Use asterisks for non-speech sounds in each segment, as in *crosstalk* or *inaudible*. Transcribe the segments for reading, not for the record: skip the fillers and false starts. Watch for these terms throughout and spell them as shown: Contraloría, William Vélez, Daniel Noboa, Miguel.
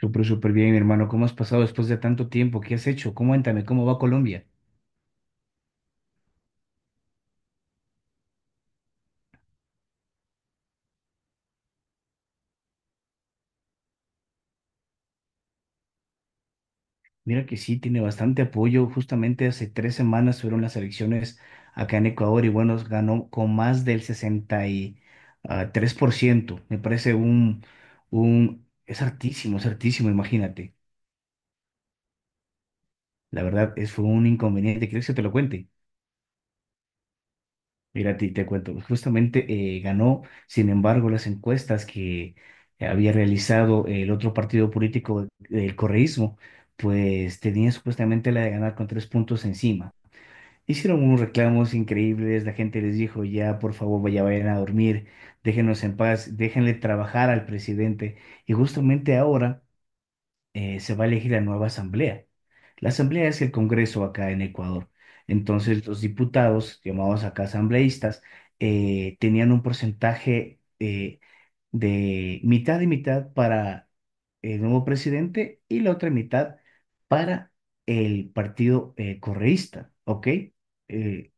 Súper, súper bien, mi hermano. ¿Cómo has pasado después de tanto tiempo? ¿Qué has hecho? Cuéntame, ¿cómo va Colombia? Mira que sí, tiene bastante apoyo. Justamente hace tres semanas fueron las elecciones acá en Ecuador y bueno, ganó con más del 63%. Me parece un, es hartísimo, imagínate. La verdad, fue un inconveniente. ¿Quieres que te lo cuente? Mira, te cuento, justamente ganó, sin embargo, las encuestas que había realizado el otro partido político, el correísmo, pues tenía supuestamente la de ganar con tres puntos encima. Hicieron unos reclamos increíbles, la gente les dijo, ya, por favor, vayan a dormir, déjenos en paz, déjenle trabajar al presidente. Y justamente ahora se va a elegir la nueva asamblea. La asamblea es el Congreso acá en Ecuador. Entonces, los diputados, llamados acá asambleístas, tenían un porcentaje de mitad y mitad para el nuevo presidente y la otra mitad para el partido correísta, ¿ok? Eh,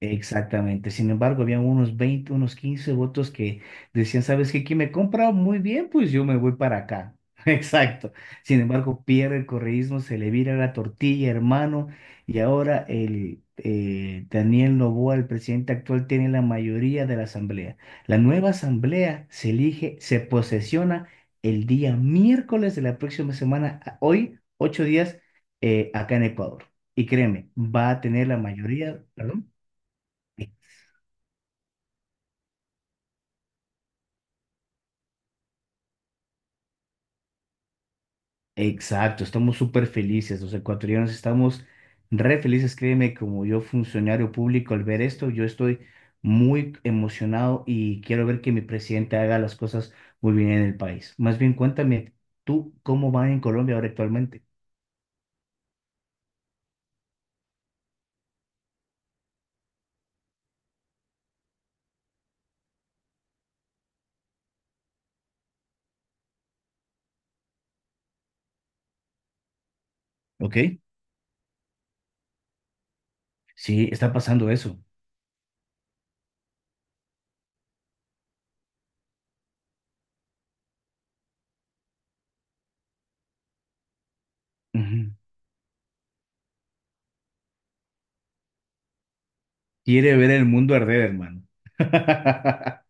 Exactamente. Sin embargo, unos 15 votos que decían, ¿sabes qué? ¿Quién me compra muy bien? Pues yo me voy para acá. *laughs* Exacto. Sin embargo, pierde el correísmo, se le vira la tortilla, hermano. Y ahora el Daniel Noboa, el presidente actual, tiene la mayoría de la asamblea. La nueva asamblea se elige, se posesiona el día miércoles de la próxima semana, hoy, ocho días, acá en Ecuador. Y créeme, va a tener la mayoría, perdón. Exacto, estamos súper felices, los ecuatorianos estamos re felices, créeme, como yo funcionario público al ver esto, yo estoy muy emocionado y quiero ver que mi presidente haga las cosas muy bien en el país. Más bien, cuéntame tú cómo van en Colombia ahora actualmente, ¿ok? Sí, está pasando eso. Ujú. Quiere ver el mundo arder, hermano. *laughs*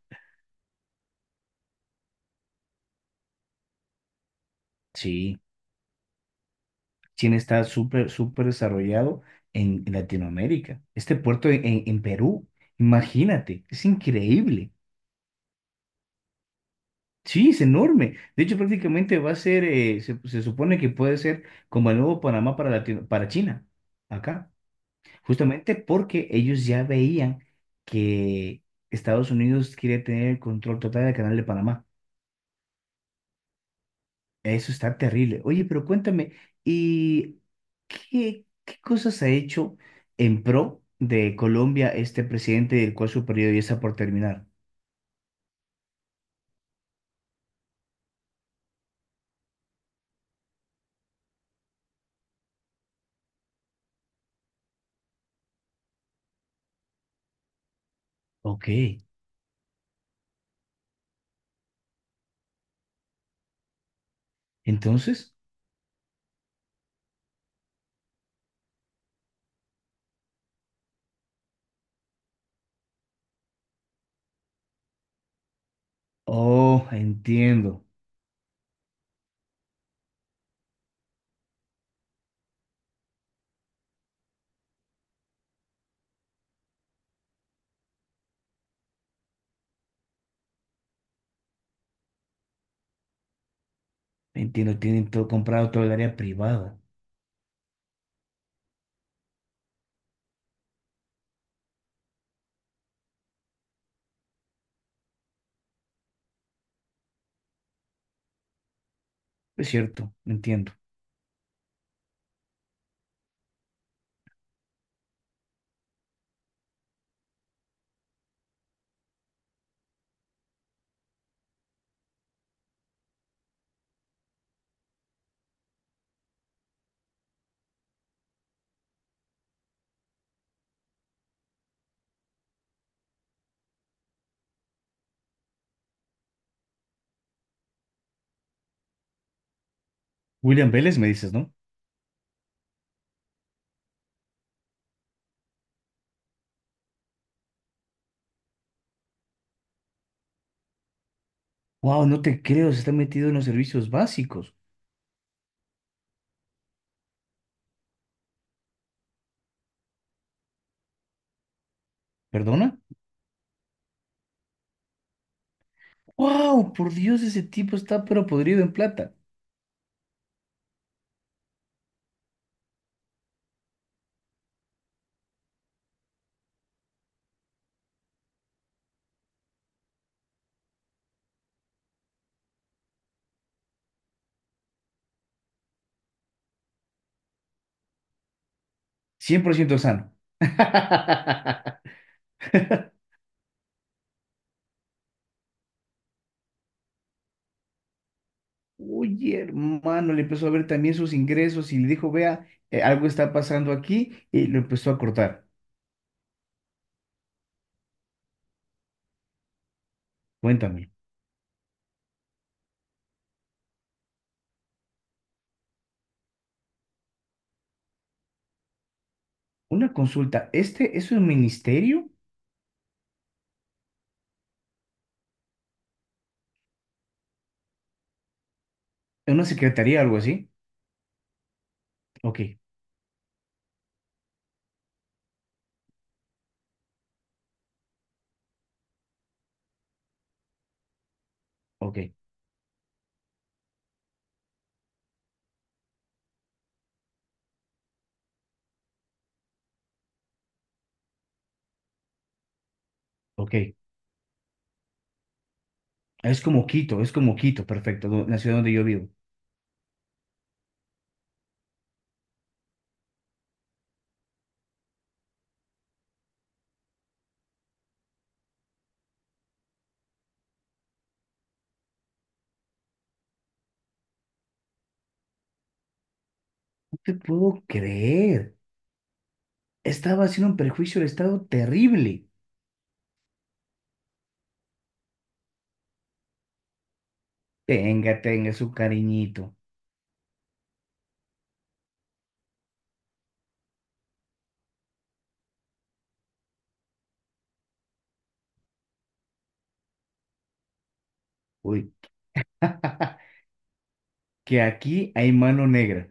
Sí. China está súper, súper desarrollado en Latinoamérica. Este puerto en Perú, imagínate, es increíble. Sí, es enorme. De hecho, prácticamente va a ser, se supone que puede ser como el nuevo Panamá para para China, acá. Justamente porque ellos ya veían que Estados Unidos quiere tener el control total del canal de Panamá. Eso está terrible. Oye, pero cuéntame, ¿y ¿qué, qué cosas ha hecho en pro de Colombia este presidente, el cual su periodo ya está por terminar? Ok, entonces, oh, entiendo, entiendo, tienen todo comprado, todo el área privada. Es cierto, entiendo. William Vélez, me dices, ¿no? Wow, no te creo, se está metido en los servicios básicos. ¿Perdona? Wow, por Dios, ese tipo está pero podrido en plata. 100% sano. *laughs* Oye, hermano, le empezó a ver también sus ingresos y le dijo, vea, algo está pasando aquí y lo empezó a cortar. Cuéntame, una consulta, ¿este es un ministerio? ¿Una secretaría, algo así? Ok, ok, ok. Es como Quito, perfecto, la ciudad donde yo vivo. No te puedo creer. Estaba haciendo un perjuicio al Estado terrible. Tenga, tenga su cariñito. Uy, *laughs* que aquí hay mano negra.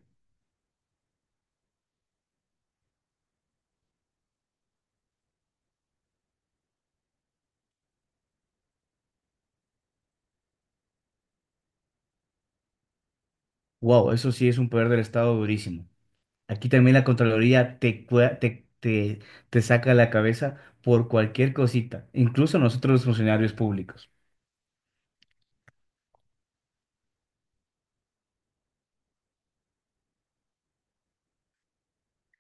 Wow, eso sí es un poder del Estado durísimo. Aquí también la Contraloría te saca la cabeza por cualquier cosita, incluso nosotros los funcionarios públicos.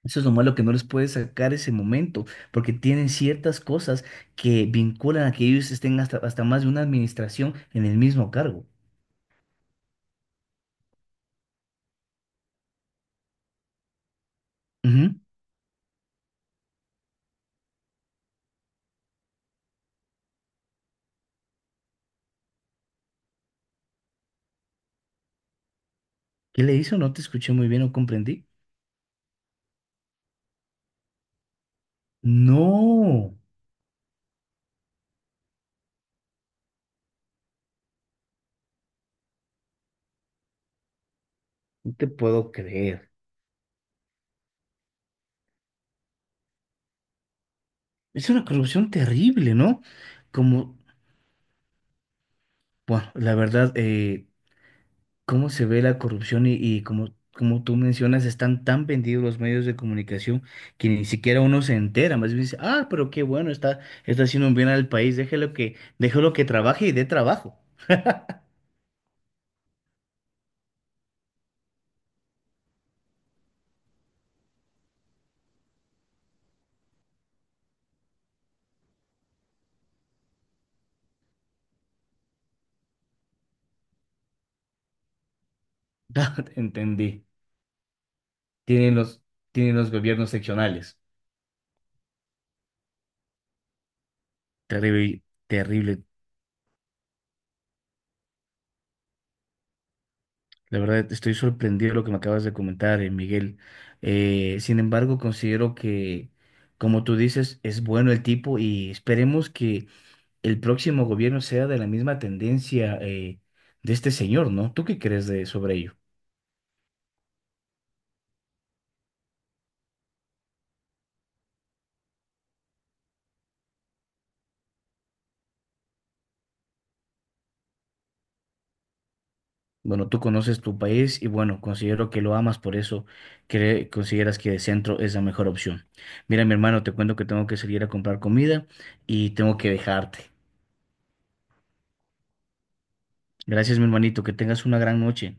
Eso es lo malo que no les puede sacar ese momento, porque tienen ciertas cosas que vinculan a que ellos estén hasta, hasta más de una administración en el mismo cargo. Ujú. ¿Qué le hizo? No te escuché muy bien, no comprendí. No, no te puedo creer. Es una corrupción terrible, ¿no? Como, bueno, la verdad, cómo se ve la corrupción y como, como tú mencionas, están tan vendidos los medios de comunicación que ni siquiera uno se entera, más bien dice, ah, pero qué bueno, está haciendo un bien al país, déjelo que trabaje y dé trabajo. *laughs* Ya entendí. Tienen los, tienen los gobiernos seccionales. Terrible, terrible. La verdad, estoy sorprendido de lo que me acabas de comentar, Miguel. Sin embargo, considero que, como tú dices, es bueno el tipo y esperemos que el próximo gobierno sea de la misma tendencia de este señor, ¿no? ¿Tú qué crees de, sobre ello? Bueno, tú conoces tu país y bueno, considero que lo amas, por eso consideras que de centro es la mejor opción. Mira, mi hermano, te cuento que tengo que salir a comprar comida y tengo que dejarte. Gracias, mi hermanito, que tengas una gran noche.